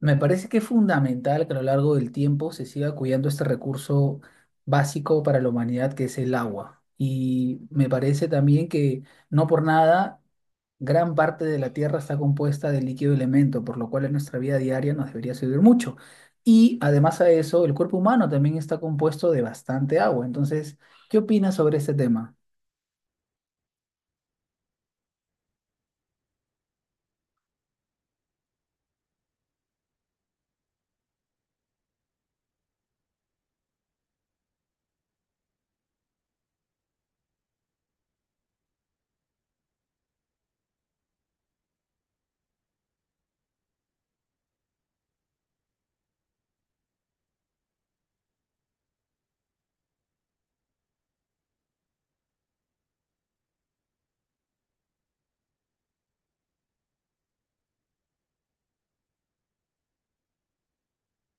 Me parece que es fundamental que a lo largo del tiempo se siga cuidando este recurso básico para la humanidad que es el agua. Y me parece también que no por nada gran parte de la Tierra está compuesta de líquido y elemento, por lo cual en nuestra vida diaria nos debería servir mucho. Y además a eso, el cuerpo humano también está compuesto de bastante agua. Entonces, ¿qué opinas sobre este tema?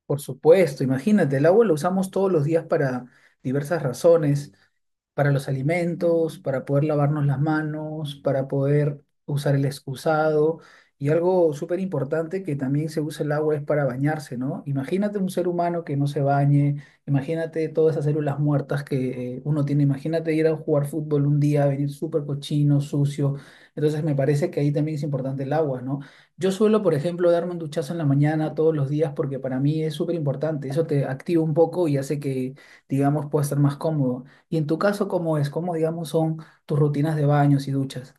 Por supuesto, imagínate, el agua lo usamos todos los días para diversas razones, para los alimentos, para poder lavarnos las manos, para poder usar el excusado. Y algo súper importante que también se usa el agua es para bañarse, ¿no? Imagínate un ser humano que no se bañe, imagínate todas esas células muertas que uno tiene, imagínate ir a jugar fútbol un día, venir súper cochino, sucio. Entonces me parece que ahí también es importante el agua, ¿no? Yo suelo, por ejemplo, darme un duchazo en la mañana todos los días porque para mí es súper importante. Eso te activa un poco y hace que, digamos, puedas estar más cómodo. Y en tu caso, ¿cómo es? ¿Cómo, digamos, son tus rutinas de baños y duchas?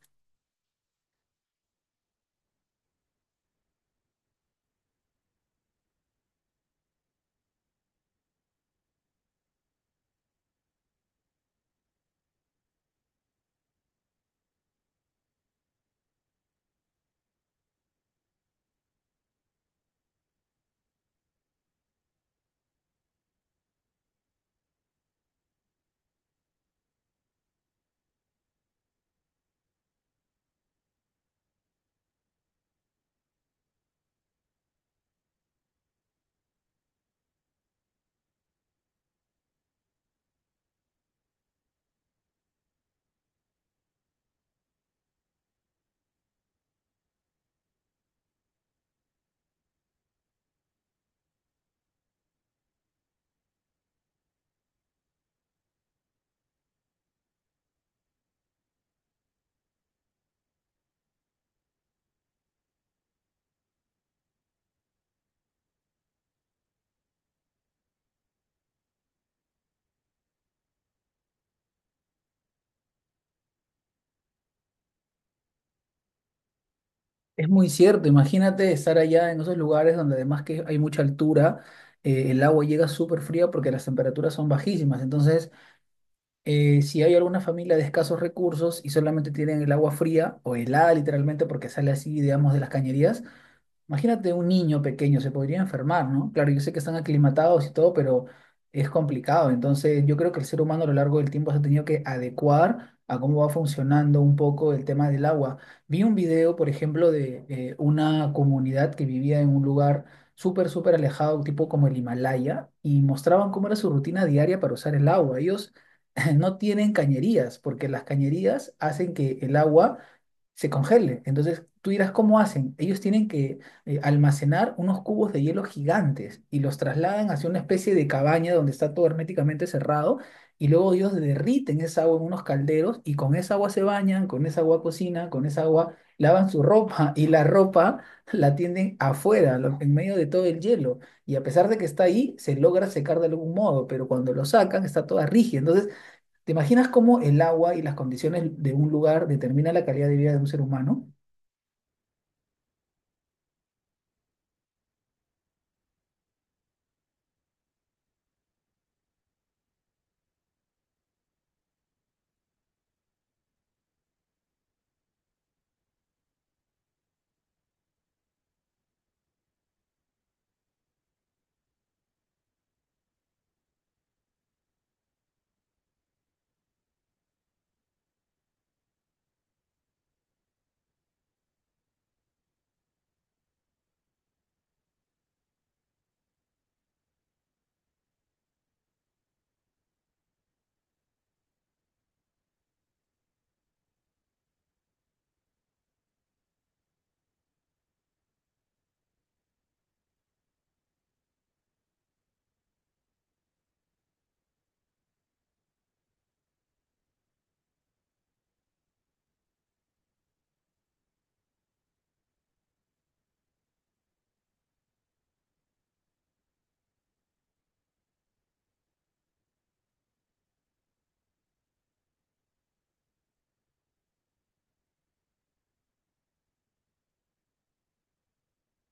Es muy cierto. Imagínate estar allá en esos lugares donde además que hay mucha altura, el agua llega súper fría porque las temperaturas son bajísimas. Entonces, si hay alguna familia de escasos recursos y solamente tienen el agua fría o helada literalmente porque sale así, digamos, de las cañerías, imagínate un niño pequeño, se podría enfermar, ¿no? Claro, yo sé que están aclimatados y todo, pero es complicado. Entonces, yo creo que el ser humano a lo largo del tiempo se ha tenido que adecuar a cómo va funcionando un poco el tema del agua. Vi un video, por ejemplo, de una comunidad que vivía en un lugar súper alejado, tipo como el Himalaya, y mostraban cómo era su rutina diaria para usar el agua. Ellos no tienen cañerías, porque las cañerías hacen que el agua se congele. Entonces, tú dirás, ¿cómo hacen? Ellos tienen que almacenar unos cubos de hielo gigantes y los trasladan hacia una especie de cabaña donde está todo herméticamente cerrado y luego ellos derriten esa agua en unos calderos y con esa agua se bañan, con esa agua cocinan, con esa agua lavan su ropa y la ropa la tienden afuera, en medio de todo el hielo. Y a pesar de que está ahí, se logra secar de algún modo, pero cuando lo sacan está toda rígida. Entonces, ¿te imaginas cómo el agua y las condiciones de un lugar determinan la calidad de vida de un ser humano?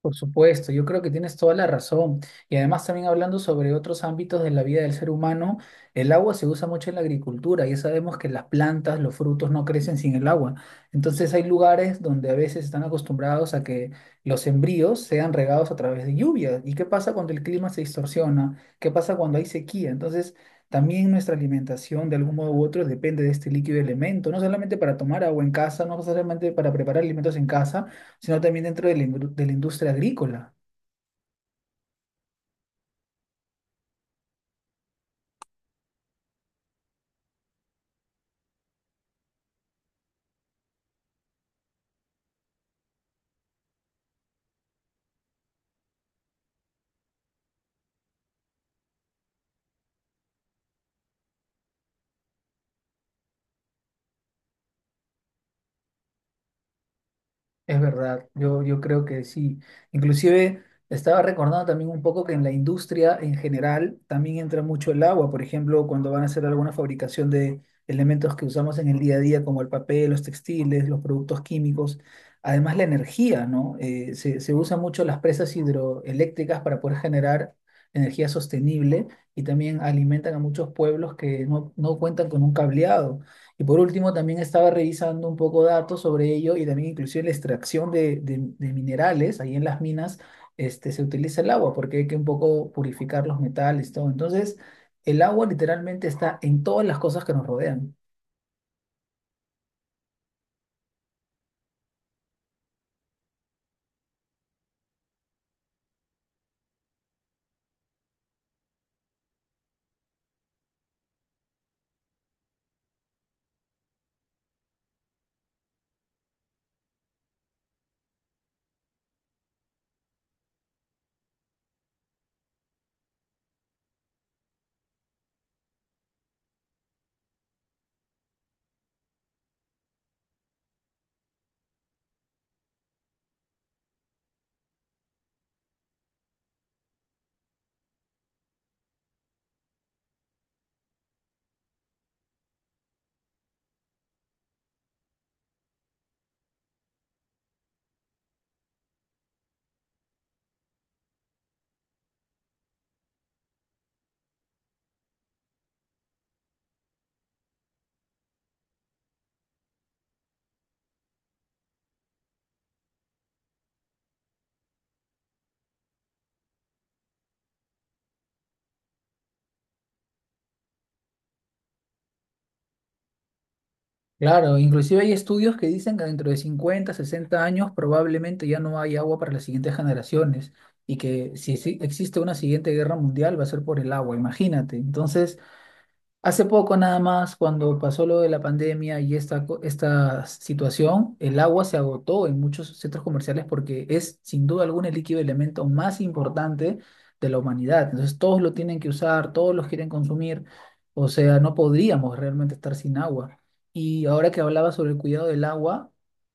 Por supuesto, yo creo que tienes toda la razón. Y además también hablando sobre otros ámbitos de la vida del ser humano, el agua se usa mucho en la agricultura. Ya sabemos que las plantas, los frutos no crecen sin el agua. Entonces hay lugares donde a veces están acostumbrados a que los sembríos sean regados a través de lluvia. ¿Y qué pasa cuando el clima se distorsiona? ¿Qué pasa cuando hay sequía? Entonces también nuestra alimentación de algún modo u otro depende de este líquido elemento, no solamente para tomar agua en casa, no solamente para preparar alimentos en casa sino también dentro de la, de la industria agrícola. Es verdad, yo creo que sí. Inclusive estaba recordando también un poco que en la industria en general también entra mucho el agua, por ejemplo, cuando van a hacer alguna fabricación de elementos que usamos en el día a día, como el papel, los textiles, los productos químicos, además la energía, ¿no? Se usan mucho las presas hidroeléctricas para poder generar energía sostenible y también alimentan a muchos pueblos que no cuentan con un cableado. Y por último, también estaba revisando un poco datos sobre ello y también inclusive la extracción de, de minerales ahí en las minas, este, se utiliza el agua porque hay que un poco purificar los metales, todo. Entonces, el agua literalmente está en todas las cosas que nos rodean. Claro, inclusive hay estudios que dicen que dentro de 50 60 años probablemente ya no hay agua para las siguientes generaciones y que si existe una siguiente guerra mundial va a ser por el agua, imagínate. Entonces... Hace poco nada más, cuando pasó lo de la pandemia y esta, esta situación, el agua se agotó en muchos centros comerciales porque es sin duda alguna el líquido elemento más importante de la humanidad. Entonces todos lo tienen que usar, todos los quieren consumir, o sea, no podríamos realmente estar sin agua. Y ahora que hablaba sobre el cuidado del agua,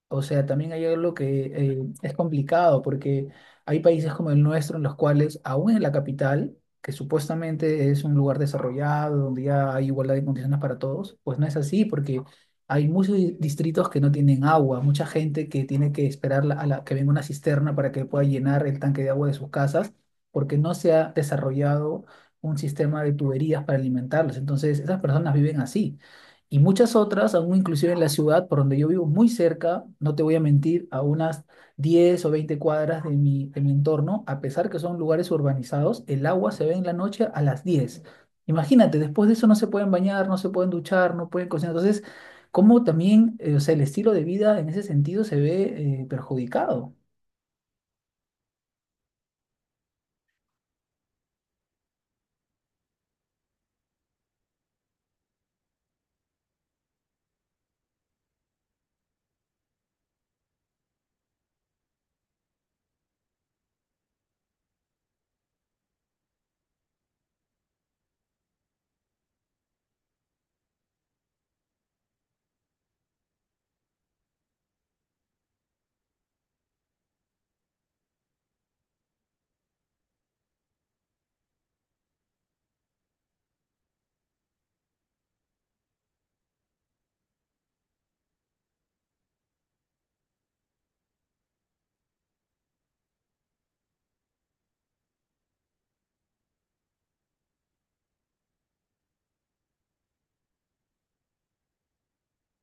o sea, también hay algo que es complicado porque hay países como el nuestro en los cuales, aún en la capital, que supuestamente es un lugar desarrollado, donde ya hay igualdad de condiciones para todos, pues no es así, porque hay muchos distritos que no tienen agua, mucha gente que tiene que esperar a la, que venga una cisterna para que pueda llenar el tanque de agua de sus casas, porque no se ha desarrollado un sistema de tuberías para alimentarlos. Entonces, esas personas viven así. Y muchas otras, aún inclusive en la ciudad, por donde yo vivo, muy cerca, no te voy a mentir, a unas 10 o 20 cuadras de de mi entorno, a pesar que son lugares urbanizados, el agua se ve en la noche a las 10. Imagínate, después de eso no se pueden bañar, no se pueden duchar, no pueden cocinar. Entonces, cómo también, o sea, el estilo de vida en ese sentido se ve perjudicado.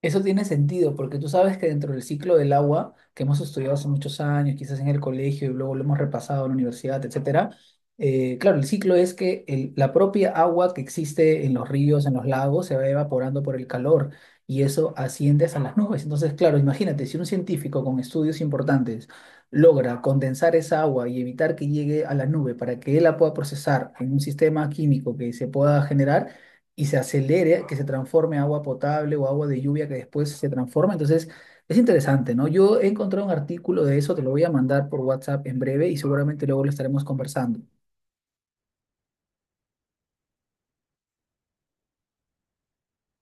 Eso tiene sentido, porque tú sabes que dentro del ciclo del agua, que hemos estudiado hace muchos años, quizás en el colegio y luego lo hemos repasado en la universidad, etcétera, claro, el ciclo es que la propia agua que existe en los ríos, en los lagos, se va evaporando por el calor y eso asciende a las nubes. Entonces, claro, imagínate, si un científico con estudios importantes logra condensar esa agua y evitar que llegue a la nube para que él la pueda procesar en un sistema químico que se pueda generar, y se acelere, que se transforme en agua potable o agua de lluvia que después se transforma. Entonces, es interesante, ¿no? Yo he encontrado un artículo de eso, te lo voy a mandar por WhatsApp en breve y seguramente luego lo estaremos conversando.